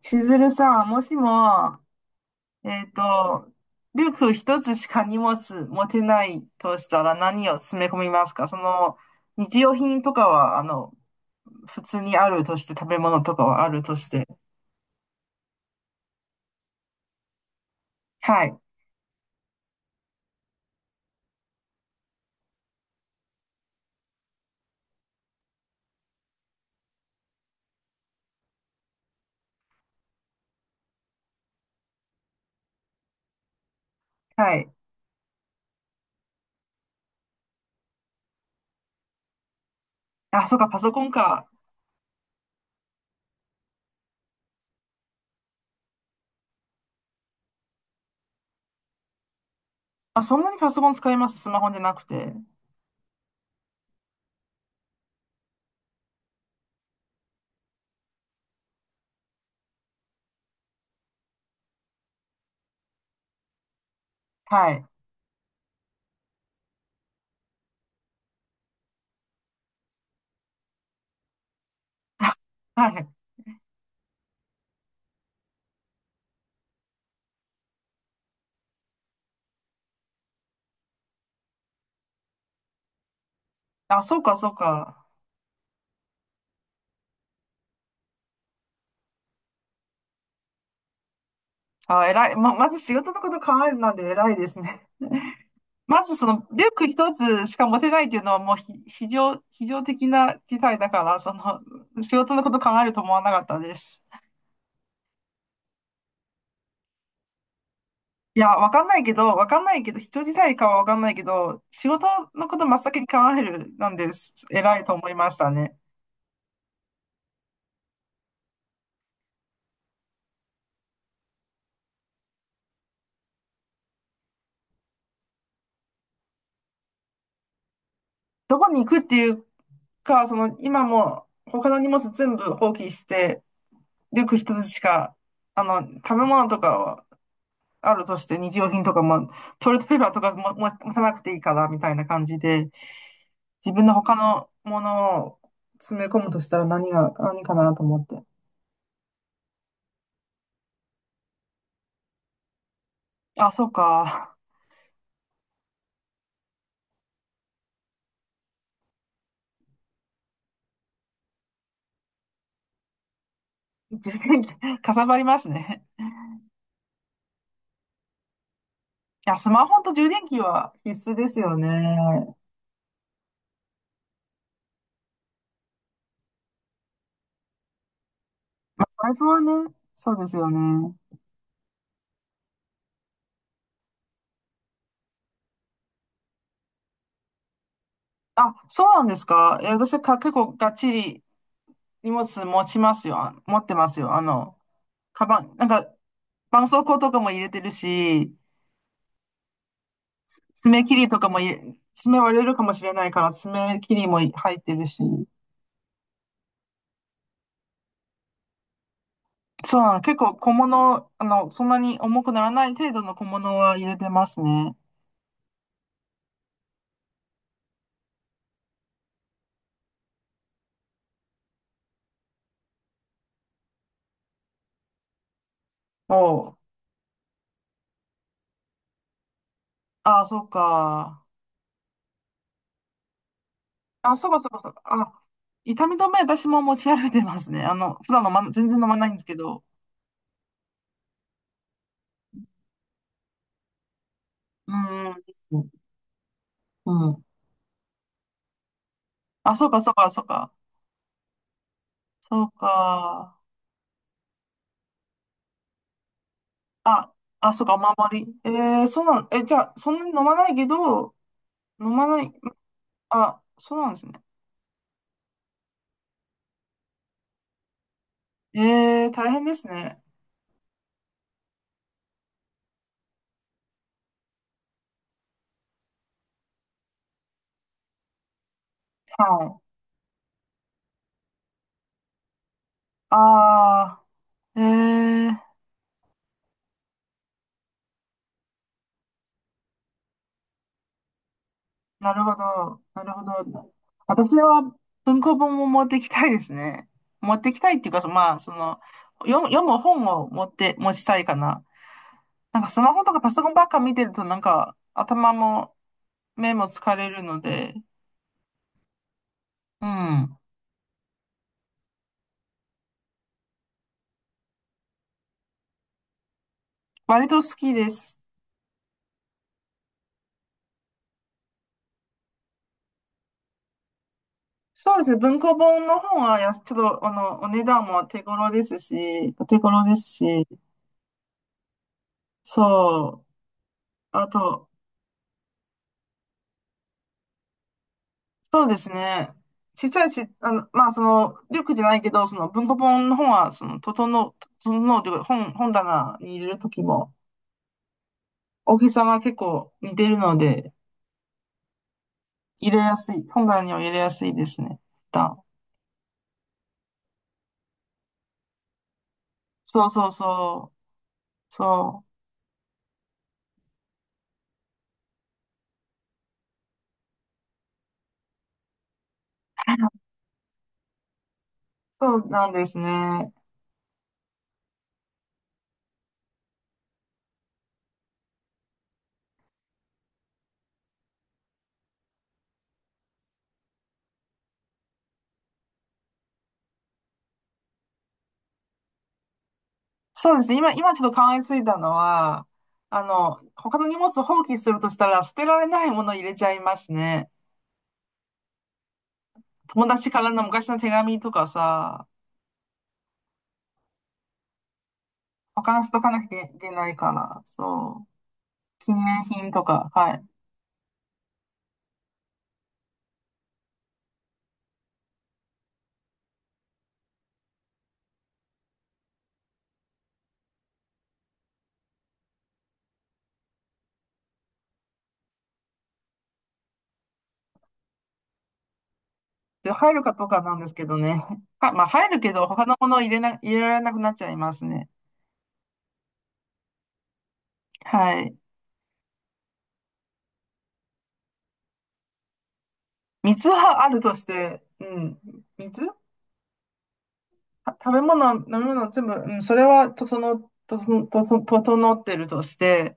千鶴さん、もしも、えっと、リュック一つしか荷物持てないとしたら何を詰め込みますか？日用品とかは、普通にあるとして、食べ物とかはあるとして。はい、はい。あ、そうか、パソコンか。あ、そんなにパソコン使います？スマホじゃなくて。はい、はい。あ、そうか、そうか。あ、偉い。まず仕事のこと考えるなんで偉いですね。まずそのリュック一つしか持てないっていうのはもうひ非常、非常的な事態だから、その仕事のこと考えると思わなかったです。いや、わかんないけど、人自体かはわかんないけど、仕事のこと真っ先に考えるなんです。偉いと思いましたね。どこに行くっていうか、今もう他の荷物全部放棄して、リュック一つしか、食べ物とかはあるとして、日用品とかも、トイレットペーパーとかも持たなくていいから、みたいな感じで、自分の他のものを詰め込むとしたら何かなと思って。あ、そうか。充電器、かさばりますね。いや、スマホと充電器は必須ですよね。財布はね、そうですよね。あ、そうなんですか。いや、私は結構がっちり荷物持ちますよ。あ、持ってますよ。カバン、なんか、絆創膏とかも入れてるし、爪切りとかも入れ、爪割れるかもしれないから、爪切りも入ってるし。そうなの、結構小物、そんなに重くならない程度の小物は入れてますね。おう。ああ、そうか。あ、そうかそうかそうか。あ、痛み止め私も持ち歩いてますね。普段全然飲まないんですけど。うん。うん。あ、そうかそうかそうか。そうか。あ、あ、そうか、お守り。そうなん、え、じゃあ、そんなに飲まないけど、飲まない、あ、そうなんですね。大変ですね。はい。あー、えー。なるほど。なるほど。私は文庫本も持ってきたいですね。持ってきたいっていうか、そまあ、その、読む本を持って、持ちたいかな。なんかスマホとかパソコンばっか見てると、なんか頭も目も疲れるので、うん。割と好きです。そうですね。文庫本の本はちょっと、お値段も手頃ですし、そう。あと、そうですね。小さいし、まあ、リュックじゃないけど、その文庫本の本は、整うというか、本棚に入れるときも、大きさが結構似てるので、入れやすい、本棚には入れやすいですね。一旦そうそうそう、そう、そうなんですね。そうですね。今、ちょっと考えついたのは、他の荷物を放棄するとしたら、捨てられないものを入れちゃいますね。友達からの昔の手紙とかさ、保管しとかなきゃいけないから、そう。記念品とか、はい。で、入るかとかなんですけどね。は、まあ、入るけど、他のものを入れられなくなっちゃいますね。はい。水はあるとして、うん。水は食べ物、飲み物、全部、うん、それは、とその、とその、とその、整ってるとして、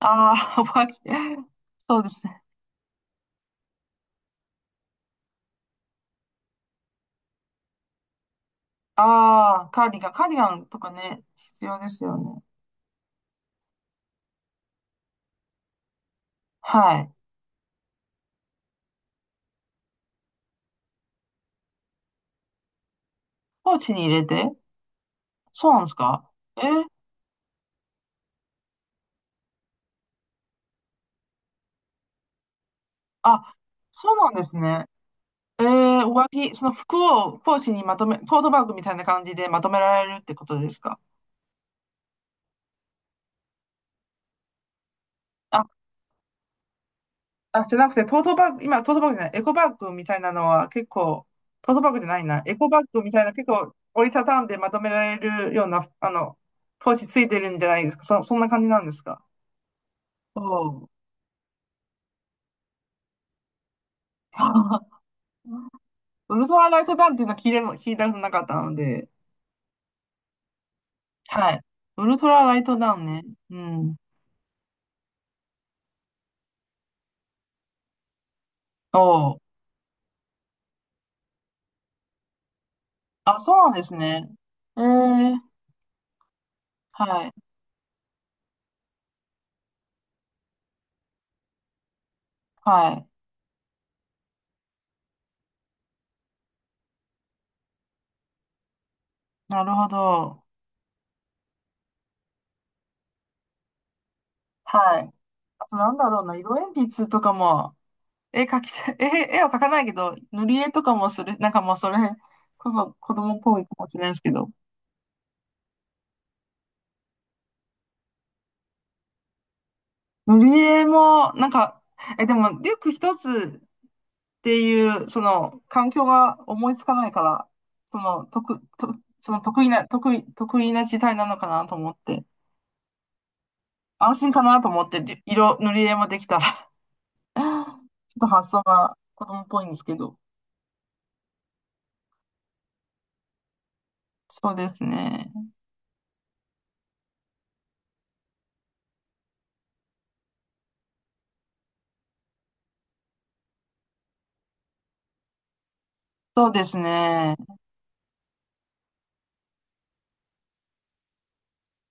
ああ、お化け、そうですね。ああ、カーディガンとかね、必要ですよね。はい。ポーチに入れて？そうなんですか？えーあ、そうなんですね。上着、その服をポーチにまとめ、トートバッグみたいな感じでまとめられるってことですか？あ、あ、じゃなくて、トートバッグ、今、トートバッグじゃない、エコバッグみたいなのは結構、トートバッグじゃないな、エコバッグみたいな結構折りたたんでまとめられるような、ポーチついてるんじゃないですか。そんな感じなんですか？おう。ウルトラライトダウンっていうのは聞いたことなかったので、はい。ウルトラライトダウンね。うん。おう。あ、そうなんですね。ええ、はい、はい。なるほど。はい。あと、なんだろうな、色鉛筆とかも、絵描きたい、絵は描かないけど、塗り絵とかもする、なんかもうそれこそ子供っぽいかもしれないですけど、塗り絵も、なんか、え、でも、リュック一つっていう、その、環境が思いつかないから、その、得、と、その得意な、得意、得意な事態なのかなと思って、安心かなと思って、塗り絵もできた。ちょっと発想が子供っぽいんですけど。そうですね。そうですね。